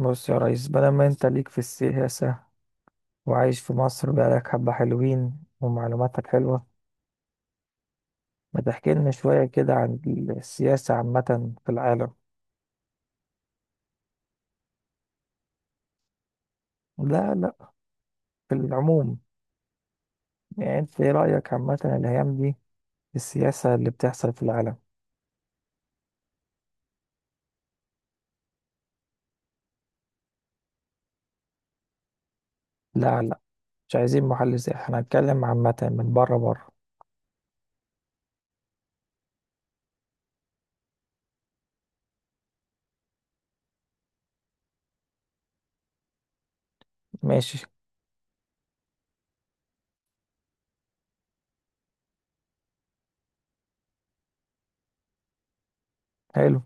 بص يا ريس، بدل ما انت ليك في السياسة وعايش في مصر بقالك حبة، حلوين ومعلوماتك حلوة، ما تحكي لنا شوية كده عن السياسة عامة في العالم. لا لا، في العموم، يعني انت ايه رأيك عامة الأيام دي في السياسة اللي بتحصل في العالم؟ لا لا، مش عايزين محلل سياسي، احنا هنتكلم عامة من بره بره. ماشي. حلو.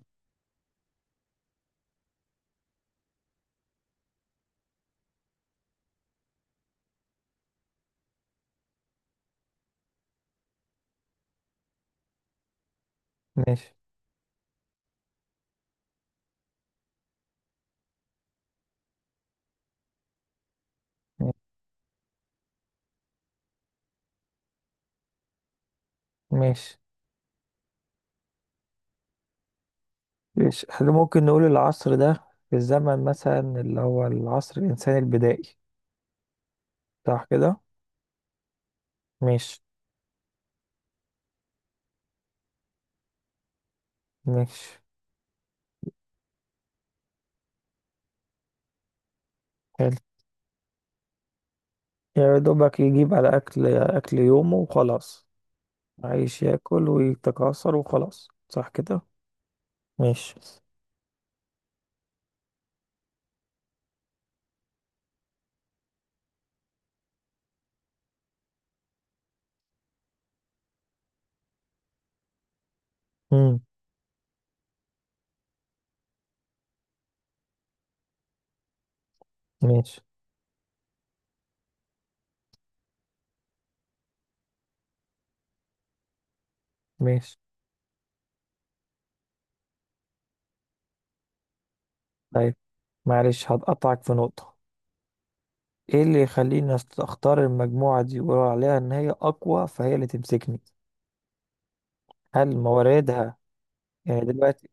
ماشي. ماشي. ماشي، احنا ممكن نقول العصر ده في الزمن مثلا اللي هو العصر الإنساني البدائي، صح كده؟ ماشي. ماشي. حلو. يا دوبك يجيب على أكل أكل يومه وخلاص، عايش ياكل ويتكاثر وخلاص، صح كده؟ ماشي. مم. ماشي. ماشي. طيب، معلش هتقطعك في نقطة. ايه اللي يخليني اختار المجموعة دي ويقولوا عليها ان هي اقوى فهي اللي تمسكني؟ هل مواردها؟ يعني دلوقتي،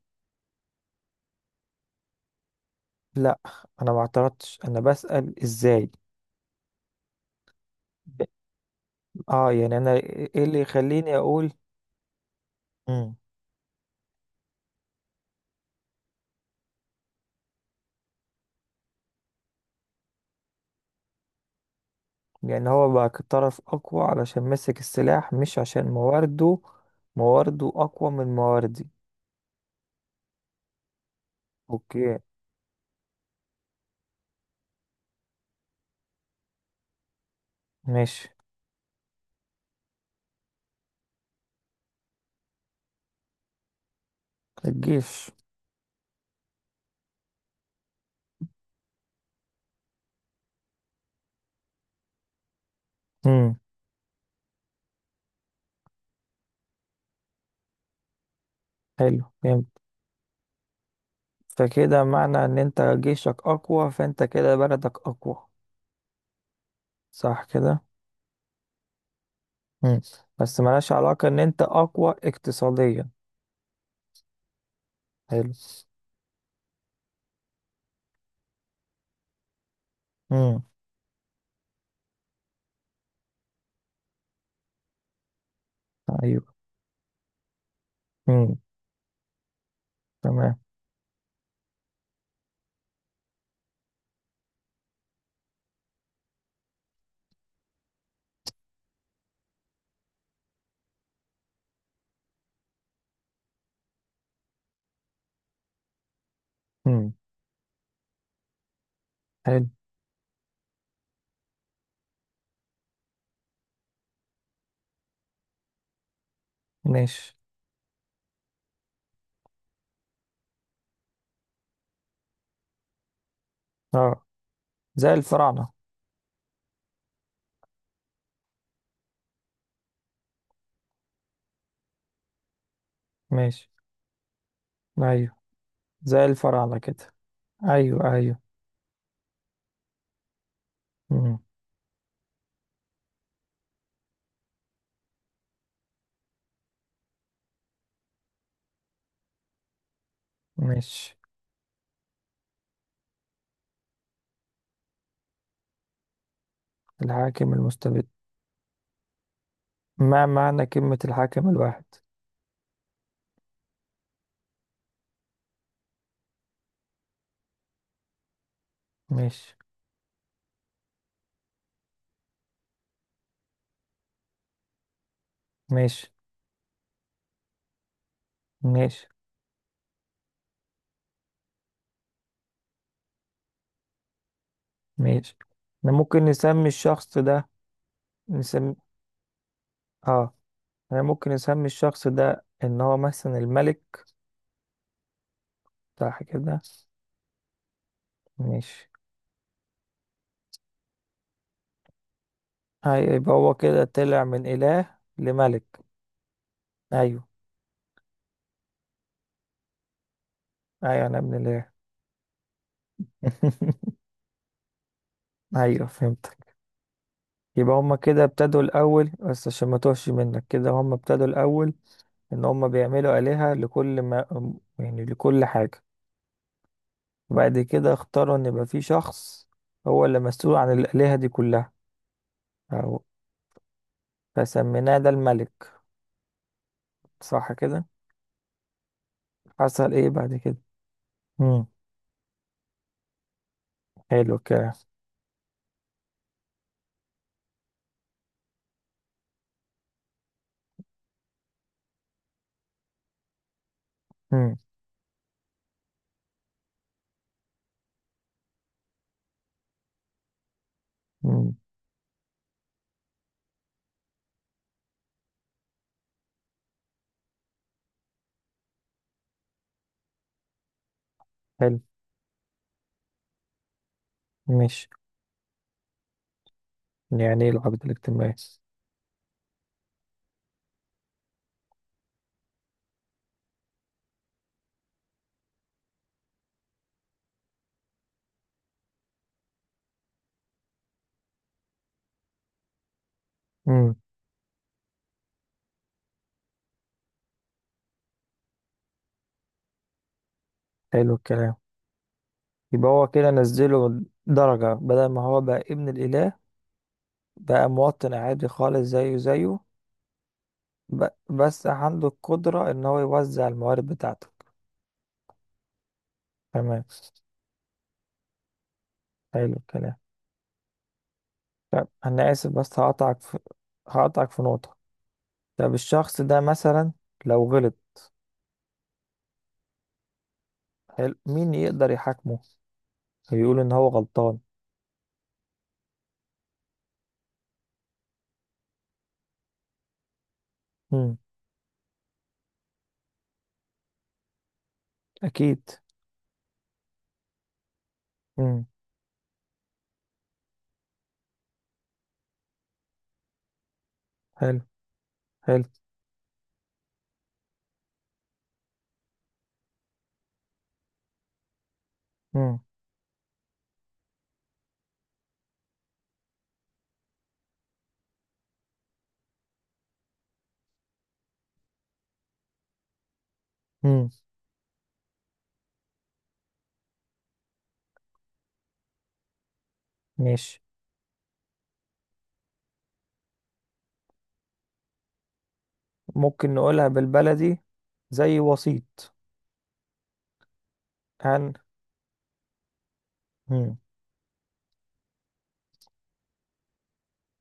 لا، انا ما اعترضتش، انا بسأل ازاي. ب- اه، يعني انا ايه اللي يخليني اقول؟ مم. لأن هو بقى طرف أقوى علشان مسك السلاح، مش عشان موارده؟ موارده أقوى من مواردي؟ أوكي. ماشي. الجيش. مم. حلو، فهمت. فكده معنى إن أنت جيشك أقوى فأنت كده بلدك أقوى، صح كده؟ مم. بس ملهاش علاقة إن أنت أقوى اقتصاديا. حلو. مم. أيوه. مم. تمام. مم. حلو. ماشي. اه. زي الفراعنة. ماشي. أيوه، زي الفراعنة كده. أيوه أيوه. مم. ماشي. الحاكم المستبد. ما معنى كلمة الحاكم الواحد؟ ماشي. ماشي. ماشي. ماشي، احنا ممكن نسمي الشخص ده، نسمي، اه، احنا ممكن نسمي الشخص ده ان هو مثلا الملك، صح كده؟ ماشي. ايوه، يبقى هو كده طلع من اله لملك. ايوه ايوه، انا ابن اله. ايوه، فهمتك. يبقى هما كده ابتدوا الاول، بس عشان ما توهش منك كده، هما ابتدوا الاول ان هم بيعملوا آلهة لكل ما، يعني لكل حاجة. وبعد كده اختاروا ان يبقى في شخص هو اللي مسؤول عن الآلهة دي كلها. أو، فسميناه ده الملك، صح كده؟ حصل ايه بعد كده؟ امم. حلو الكلام. امم. امم. حلو. مش، يعني ايه العبد الاجتماعي؟ امم. حلو الكلام. يبقى هو كده نزله درجة، بدل ما هو بقى ابن الإله بقى مواطن عادي خالص، زيه زيه. بس عنده القدرة ان هو يوزع الموارد بتاعته. تمام. حلو الكلام. طب انا اسف بس هقطعك في، هقطعك في نقطة. طب الشخص ده مثلا لو غلط، حلو، مين يقدر يحاكمه؟ يقول ان هو غلطان؟ امم. اكيد. امم. حلو. حلو. امم. امم. ماشي. ممكن نقولها بالبلدي؟ زي وسيط؟ عن. امم.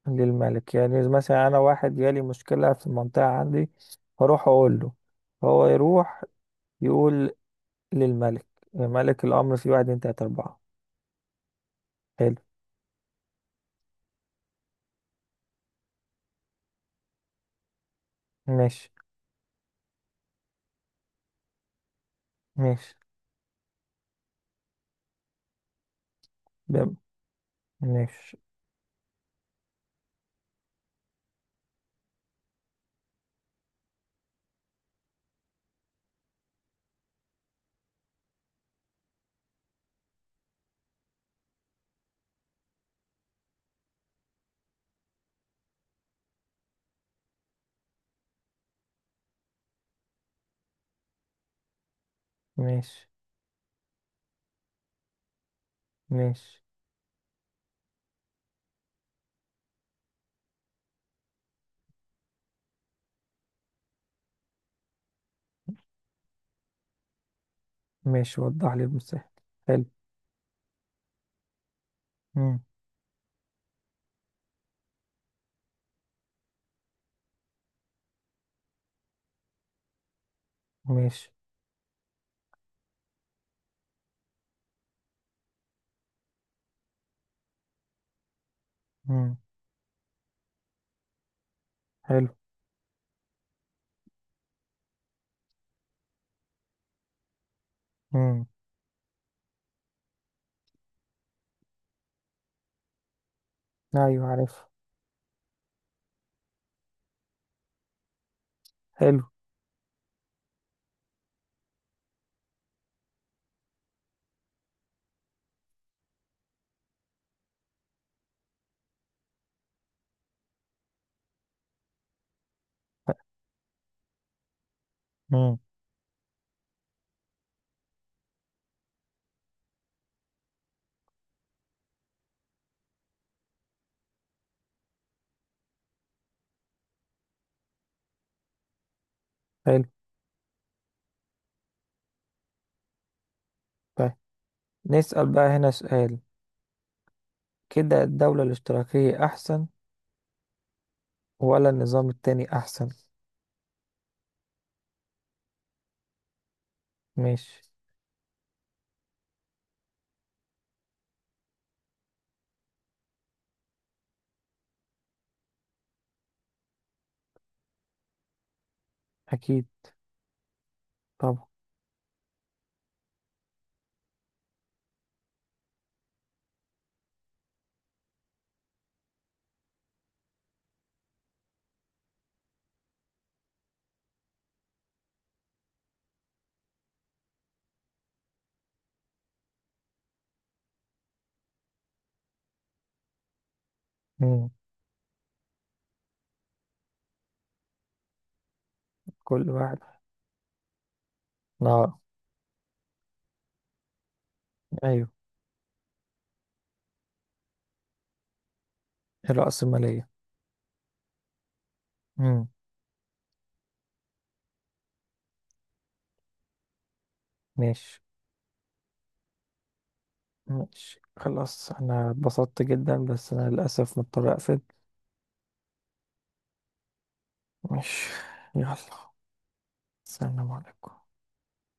للملك، يعني مثلا انا واحد جالي مشكلة في المنطقة عندي، هروح اقول له، هو يروح يقول للملك، ملك الامر في واحد اتنين تلاتة اربعة. حلو. ماشي. ماشي. بم- ماشي. ماشي. ماشي. ماشي، وضح لي المساحة. حلو. مم. ماشي. مم. حلو. مم. أيوة، عارف. حلو. مم. حلو. طيب، نسأل بقى هنا سؤال، كده الدولة الاشتراكية أحسن ولا النظام التاني أحسن؟ ماشي. أكيد، طبعا. مم. كل واحد. آه. أيوة. الرأسمالية. مم. ماشي. ماشي، خلاص. أنا اتبسطت جدا بس أنا للأسف مضطر أقفل. ماشي. يلا. السلام عليكم.